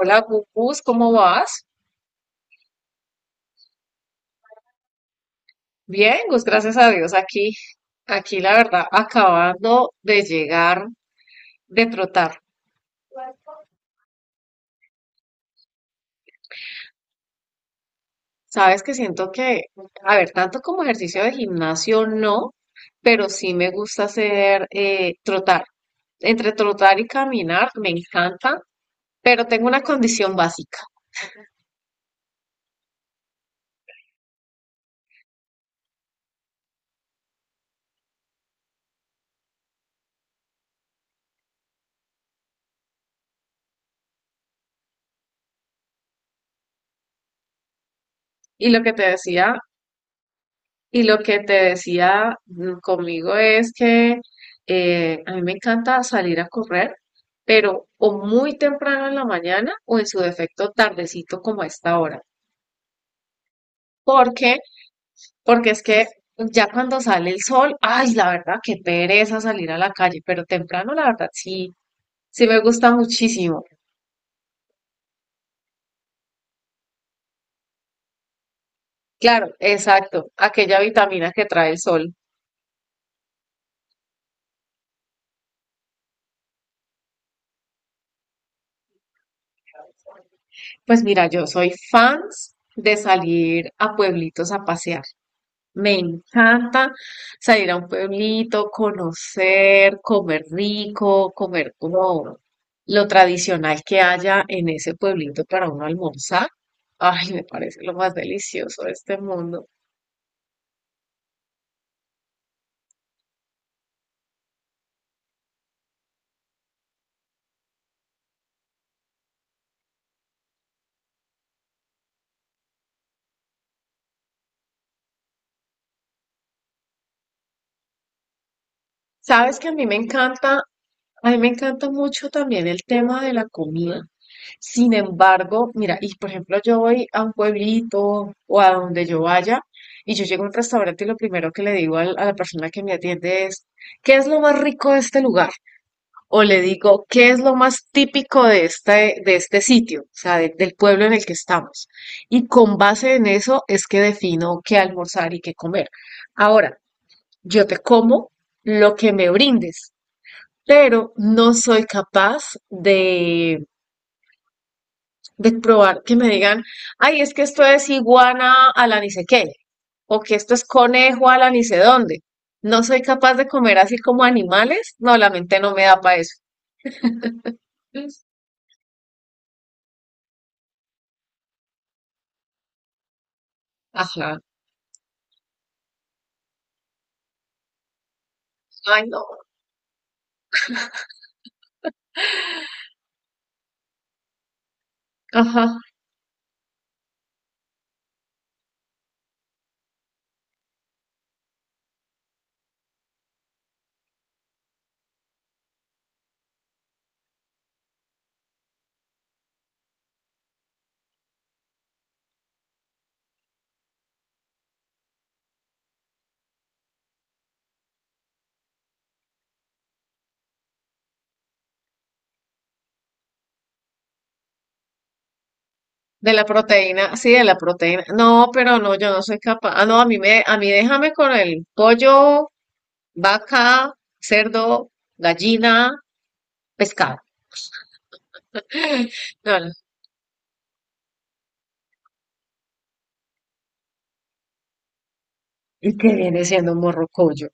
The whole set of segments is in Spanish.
Hola, Gus, ¿cómo vas? Bien, Gus, gracias a Dios. Aquí, aquí la verdad, acabando de llegar de trotar. Sabes que siento que, a ver, tanto como ejercicio de gimnasio no, pero sí me gusta hacer trotar. Entre trotar y caminar me encanta, pero tengo una condición básica. Y lo que te decía Y lo que te decía conmigo es que a mí me encanta salir a correr, pero o muy temprano en la mañana o en su defecto tardecito como a esta hora. ¿Por qué? Porque es que ya cuando sale el sol, ay, la verdad, qué pereza salir a la calle, pero temprano la verdad sí, sí me gusta muchísimo. Claro, exacto, aquella vitamina que trae el sol. Pues mira, yo soy fans de salir a pueblitos a pasear. Me encanta salir a un pueblito, conocer, comer rico, comer como lo tradicional que haya en ese pueblito para uno almorzar. Ay, me parece lo más delicioso de este mundo. Sabes que a mí me encanta A mí me encanta mucho también el tema de la comida. Sin embargo, mira, y por ejemplo, yo voy a un pueblito o a donde yo vaya y yo llego a un restaurante y lo primero que le digo a la persona que me atiende es, ¿qué es lo más rico de este lugar? O le digo, ¿qué es lo más típico de este sitio? O sea, del pueblo en el que estamos. Y con base en eso es que defino qué almorzar y qué comer. Ahora, yo te como lo que me brindes, pero no soy capaz de probar que me digan, ay, es que esto es iguana a la ni sé qué, o que esto es conejo a la ni sé dónde. No soy capaz de comer así como animales. No, la mente no me da para eso. Mm. Ajá. Ay, no. Ajá. De la proteína, sí, de la proteína. No, pero no, yo no soy capaz. Ah, no, a mí déjame con el pollo, vaca, cerdo, gallina, pescado. No, no. ¿Y qué viene siendo un morrocoyo?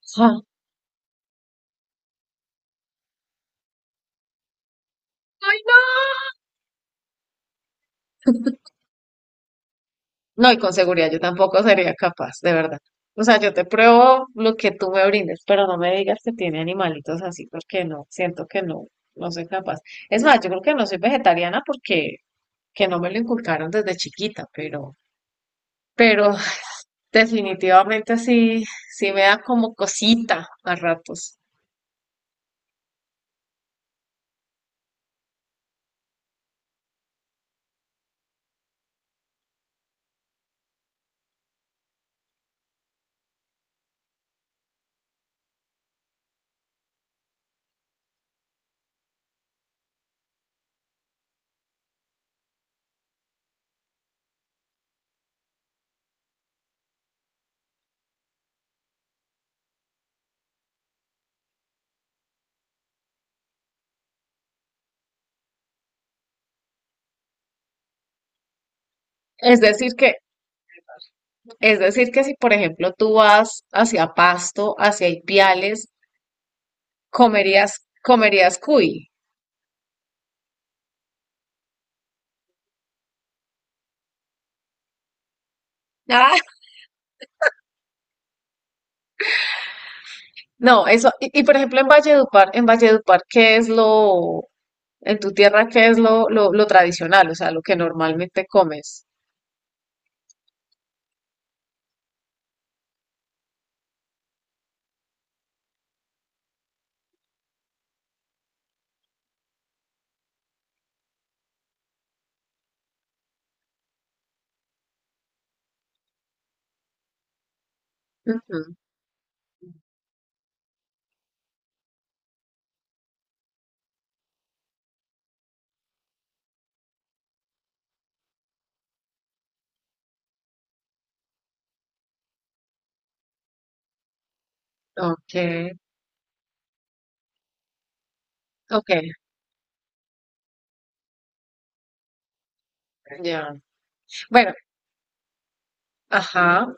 Sea, no. No, y con seguridad yo tampoco sería capaz, de verdad. O sea, yo te pruebo lo que tú me brindes, pero no me digas que tiene animalitos así, porque no, siento que no, no soy capaz. Es más, yo creo que no soy vegetariana porque que no me lo inculcaron desde chiquita, pero definitivamente sí, sí me da como cosita a ratos. Es decir que, es decir que si por ejemplo tú vas hacia Pasto, hacia Ipiales, comerías, comerías cuy. No, eso, y, por ejemplo en Valledupar, ¿qué es en tu tierra, qué es lo tradicional, o sea, lo que normalmente comes? Ujú. Okay, okay, ya. Bueno, ajá.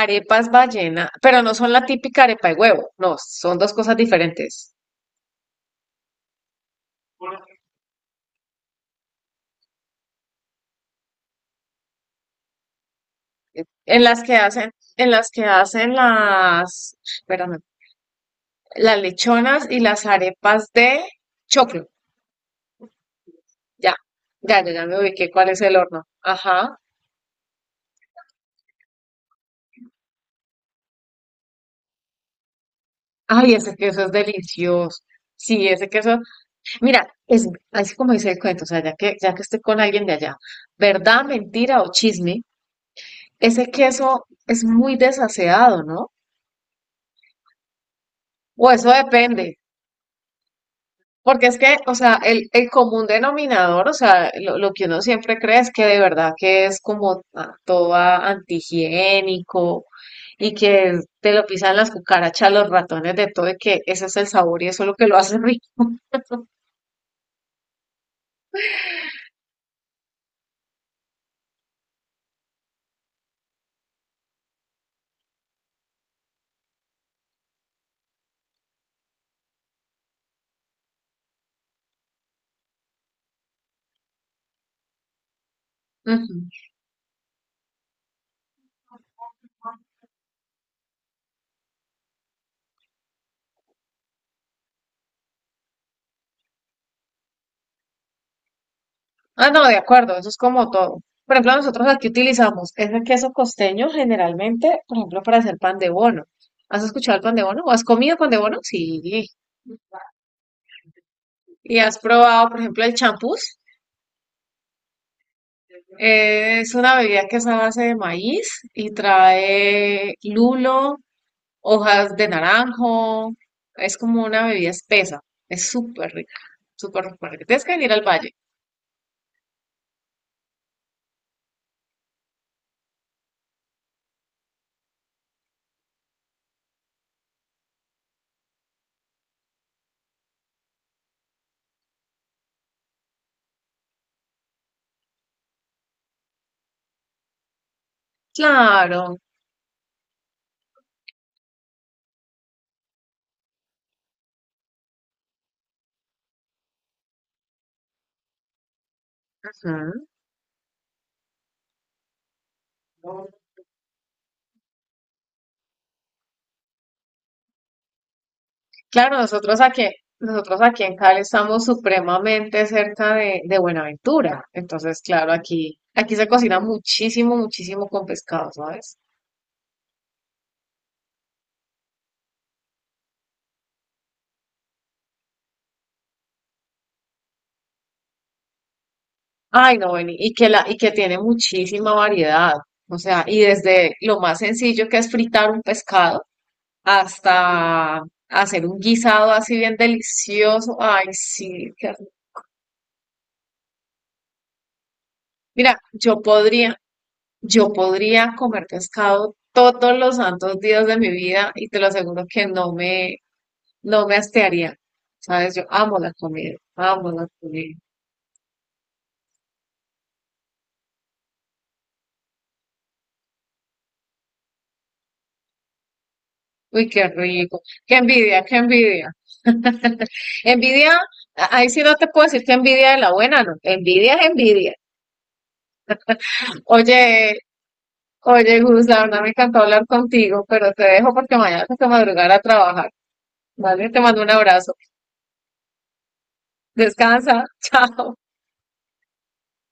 Arepas ballena, pero no son la típica arepa de huevo, no, son dos cosas diferentes. En las que hacen, en las que hacen las, espérame, las lechonas y las arepas de choclo. Ya, ya, ya, ya me ubiqué cuál es el horno. Ajá. Ay, ese queso es delicioso. Sí, ese queso. Mira, es así como dice el cuento, o sea, ya que estoy con alguien de allá, verdad, mentira o chisme, ese queso es muy desaseado, ¿no? O eso depende. Porque es que, o sea, el común denominador, o sea, lo que uno siempre cree es que de verdad que es como ah, todo ah, antihigiénico y que te lo pisan las cucarachas, los ratones, de todo, y que ese es el sabor y eso es lo que lo hace rico. Ujú. Ah, no, de acuerdo, eso es como todo. Por ejemplo, nosotros aquí utilizamos ese queso costeño generalmente, por ejemplo, para hacer pan de bono. ¿Has escuchado el pan de bono? ¿O has comido pan de bono? Sí. ¿Y has probado, por ejemplo, el champús? Es una bebida que es a base de maíz y trae lulo, hojas de naranjo. Es como una bebida espesa. Es súper rica, súper, súper rica. Tienes que venir al valle. Claro. Ujú. claro, nosotros aquí, nosotros aquí en Cali estamos supremamente cerca de Buenaventura. Entonces, claro, aquí, aquí se cocina muchísimo, muchísimo con pescado, ¿sabes? Ay, no, Beni, y que la, y que tiene muchísima variedad. O sea, y desde lo más sencillo que es fritar un pescado hasta hacer un guisado así bien delicioso. Ay, sí, qué rico. Mira, yo podría, yo podría comer pescado todos los santos días de mi vida y te lo aseguro que no me, no me hastiaría. Sabes, yo amo la comida, amo la comida. Uy, qué rico. Qué envidia, qué envidia. Envidia, ahí sí no te puedo decir que envidia de la buena, no. Envidia es envidia. Oye, oye, Gus, la verdad me encantó hablar contigo, pero te dejo porque mañana tengo que madrugar a trabajar. Vale, te mando un abrazo. Descansa. Chao.